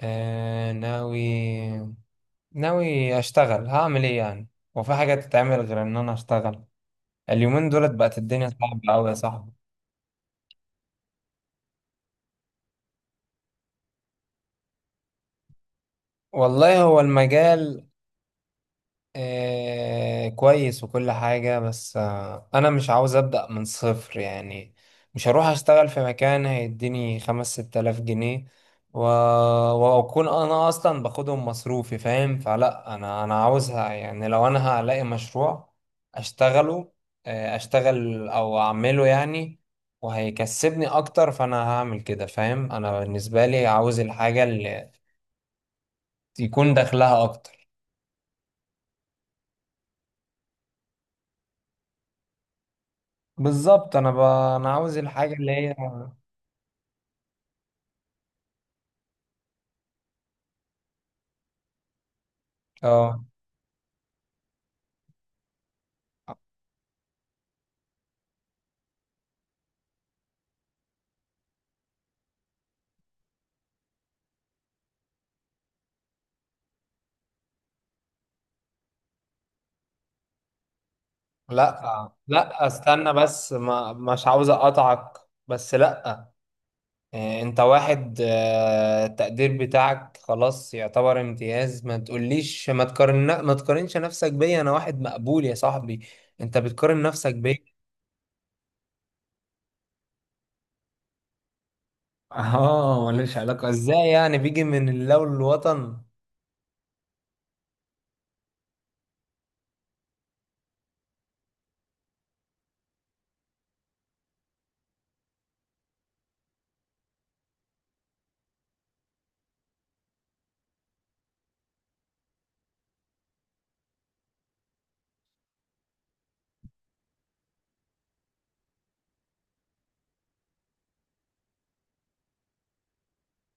آه، ناوي. ناوي اشتغل، هعمل ايه يعني؟ هو في حاجة تتعمل غير ان انا اشتغل؟ اليومين دولت بقت الدنيا صعبة اوي يا صاحبي. والله هو المجال كويس وكل حاجة، بس أنا مش عاوز أبدأ من صفر يعني. مش هروح أشتغل في مكان هيديني خمس ست آلاف جنيه و... وأكون أنا أصلا باخدهم مصروفي، فاهم؟ فلا، أنا عاوزها يعني. لو أنا هلاقي مشروع أشتغله، آه أشتغل أو أعمله يعني، وهيكسبني أكتر، فأنا هعمل كده، فاهم. أنا بالنسبة لي عاوز الحاجة اللي يكون دخلها أكتر. بالظبط. انا عاوز الحاجه اللي هي. اه، لا لا، استنى بس، ما مش عاوز اقطعك. بس لا، إيه، انت واحد، التقدير بتاعك خلاص يعتبر امتياز، ما تقوليش، ما تقارنش نفسك بيا، انا واحد مقبول يا صاحبي، انت بتقارن نفسك بيا. اه، ملوش علاقة ازاي يعني؟ بيجي من اللو الوطن.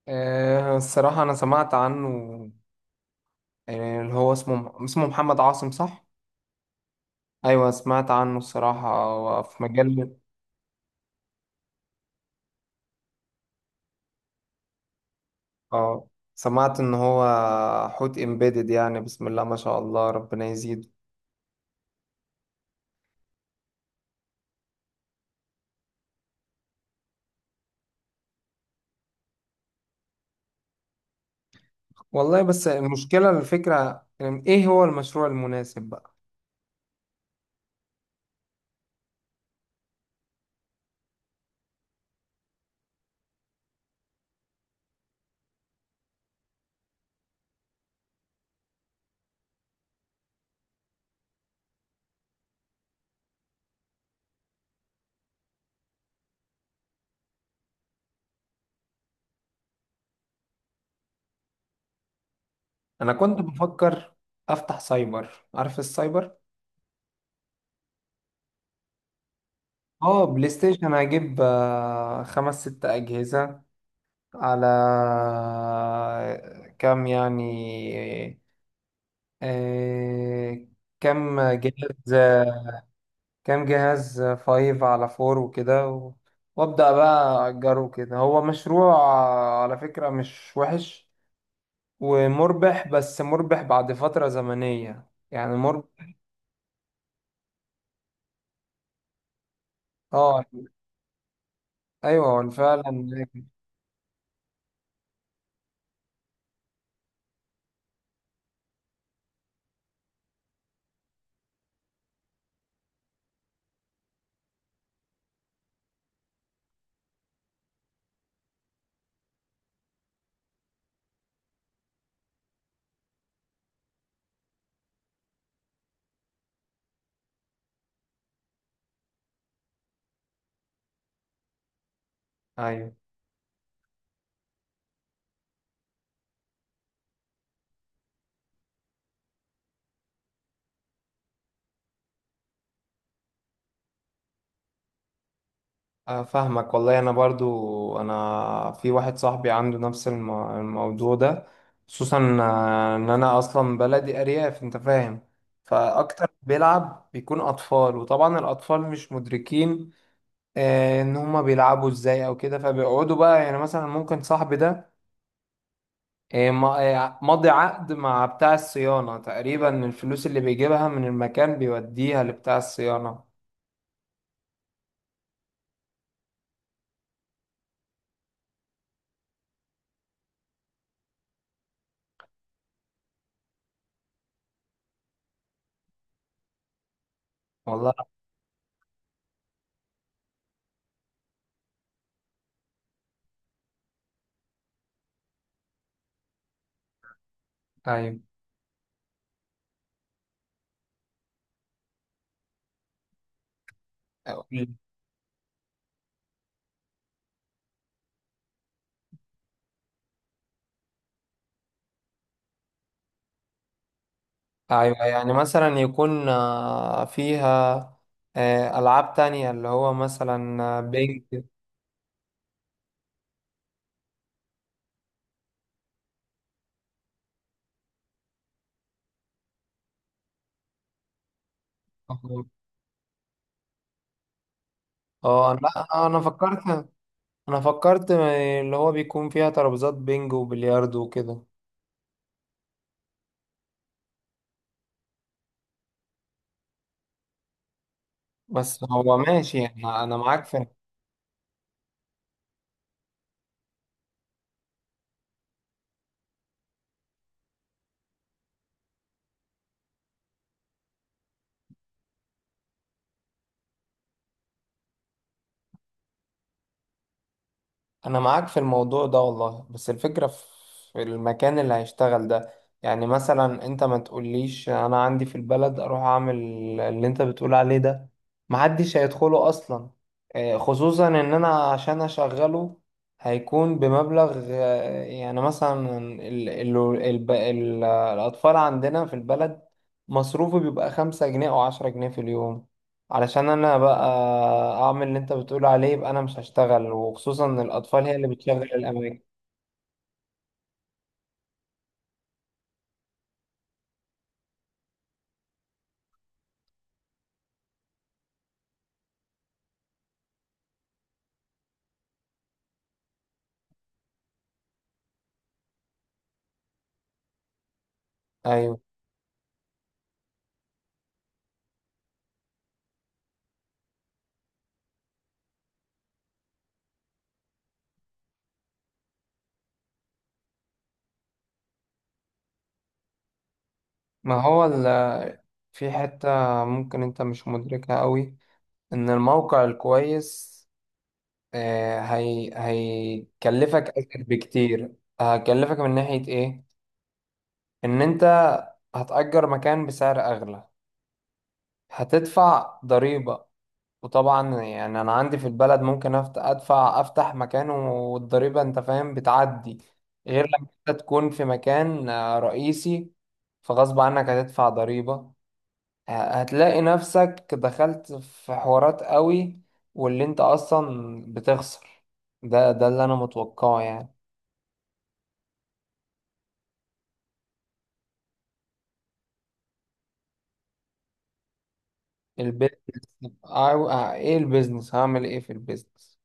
الصراحة أنا سمعت عنه. اللي هو اسمه محمد عاصم، صح؟ أيوة، سمعت عنه الصراحة في مجلة. اه، سمعت ان هو حوت امبيدد، يعني بسم الله ما شاء الله، ربنا يزيد. والله بس المشكلة الفكرة ايه، هو المشروع المناسب بقى. انا كنت بفكر افتح سايبر، عارف السايبر؟ اه، بلاي ستيشن هجيب خمس ست اجهزة. على كام يعني، آه، كام جهاز، كام جهاز، 5 على 4 وكده وابدا بقى اجره كده. هو مشروع على فكرة مش وحش ومربح، بس مربح بعد فترة زمنية، يعني مربح. اه. ايوه، هو فعلا ناجح. ايوه، فاهمك والله. انا برضو انا في واحد صاحبي عنده نفس الموضوع ده، خصوصا ان انا اصلا بلدي ارياف انت فاهم. فاكتر بيلعب بيكون اطفال، وطبعا الاطفال مش مدركين ان هما بيلعبوا ازاي او كده. فبيقعدوا بقى، يعني مثلا ممكن صاحبي ده آه، ما- مضي عقد مع بتاع الصيانة، تقريبا الفلوس اللي بيجيبها من المكان بيوديها لبتاع الصيانة. والله. ايوه. ايوه يعني مثلا يكون فيها العاب تانية، اللي هو مثلا بينج. اه، لا، انا فكرت اللي هو بيكون فيها ترابيزات بينج وبلياردو وكده. بس هو ماشي يعني، انا معاك في الموضوع ده والله. بس الفكرة في المكان اللي هيشتغل ده. يعني مثلا انت ما تقوليش انا عندي في البلد اروح اعمل اللي انت بتقول عليه ده، محدش هيدخله اصلا. خصوصا ان انا عشان اشغله هيكون بمبلغ، يعني مثلا ال ال ال ال الاطفال عندنا في البلد مصروفه بيبقى 5 جنيه او 10 جنيه في اليوم. علشان انا بقى اعمل اللي انت بتقول عليه، يبقى انا مش هشتغل، وخصوصا ان الاطفال هي اللي بتشغل الاماكن. ايوه. ما هو ال- في حتة ممكن انت مش مدركها قوي، ان الموقع الكويس هي هيكلفك اكتر بكتير. هيكلفك من ناحية ايه، ان انت هتأجر مكان بسعر اغلى، هتدفع ضريبة، وطبعا يعني انا عندي في البلد ممكن ادفع افتح مكان، والضريبه انت فاهم بتعدي. غير لما انت تكون في مكان رئيسي، فغصب عنك هتدفع ضريبه. ه- هتلاقي نفسك دخلت في حوارات قوي، واللي انت اصلا بتخسر، ده اللي انا متوقعه يعني. البيزنس. ايه البيزنس، هعمل ايه في البيزنس؟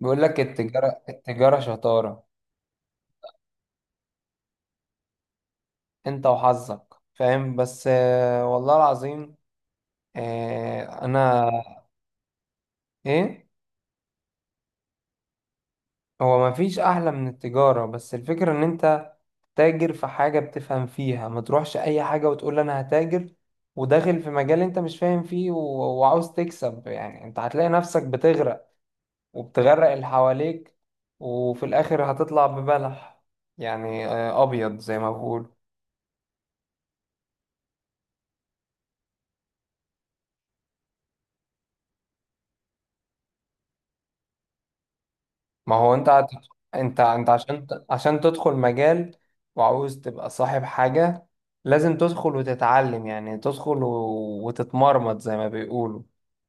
بيقول لك، التجاره التجاره شطاره. انت وحظك، فاهم، بس والله العظيم، انا. ايه. هو ما فيش احلى من التجارة، بس الفكرة ان انت تاجر في حاجة بتفهم فيها، ما تروحش اي حاجة وتقول انا هتاجر وداخل في مجال انت مش فاهم فيه، وعاوز تكسب يعني. انت هتلاقي نفسك بتغرق وبتغرق اللي حواليك، وفي الاخر هتطلع ببلح، يعني ابيض زي ما بقول. ما هو انت هت- انت عشان عشان تدخل مجال وعاوز تبقى صاحب حاجة، لازم تدخل وتتعلم، يعني تدخل وتتمرمط زي ما بيقولوا،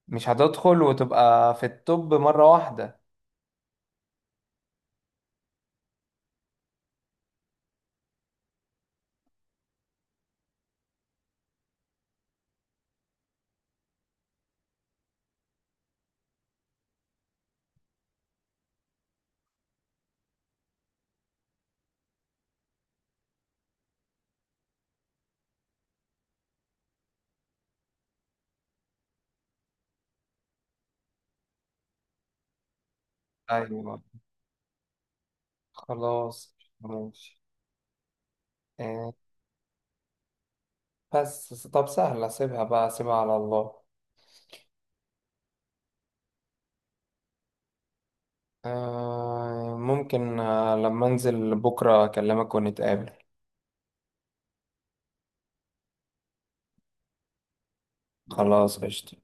مش هتدخل وتبقى في التوب مرة واحدة. ايوه خلاص ماشي. آه، بس طب سهلة، سيبها بقى، سيبها على الله. ممكن لما انزل بكرة اكلمك ونتقابل. خلاص قشطة.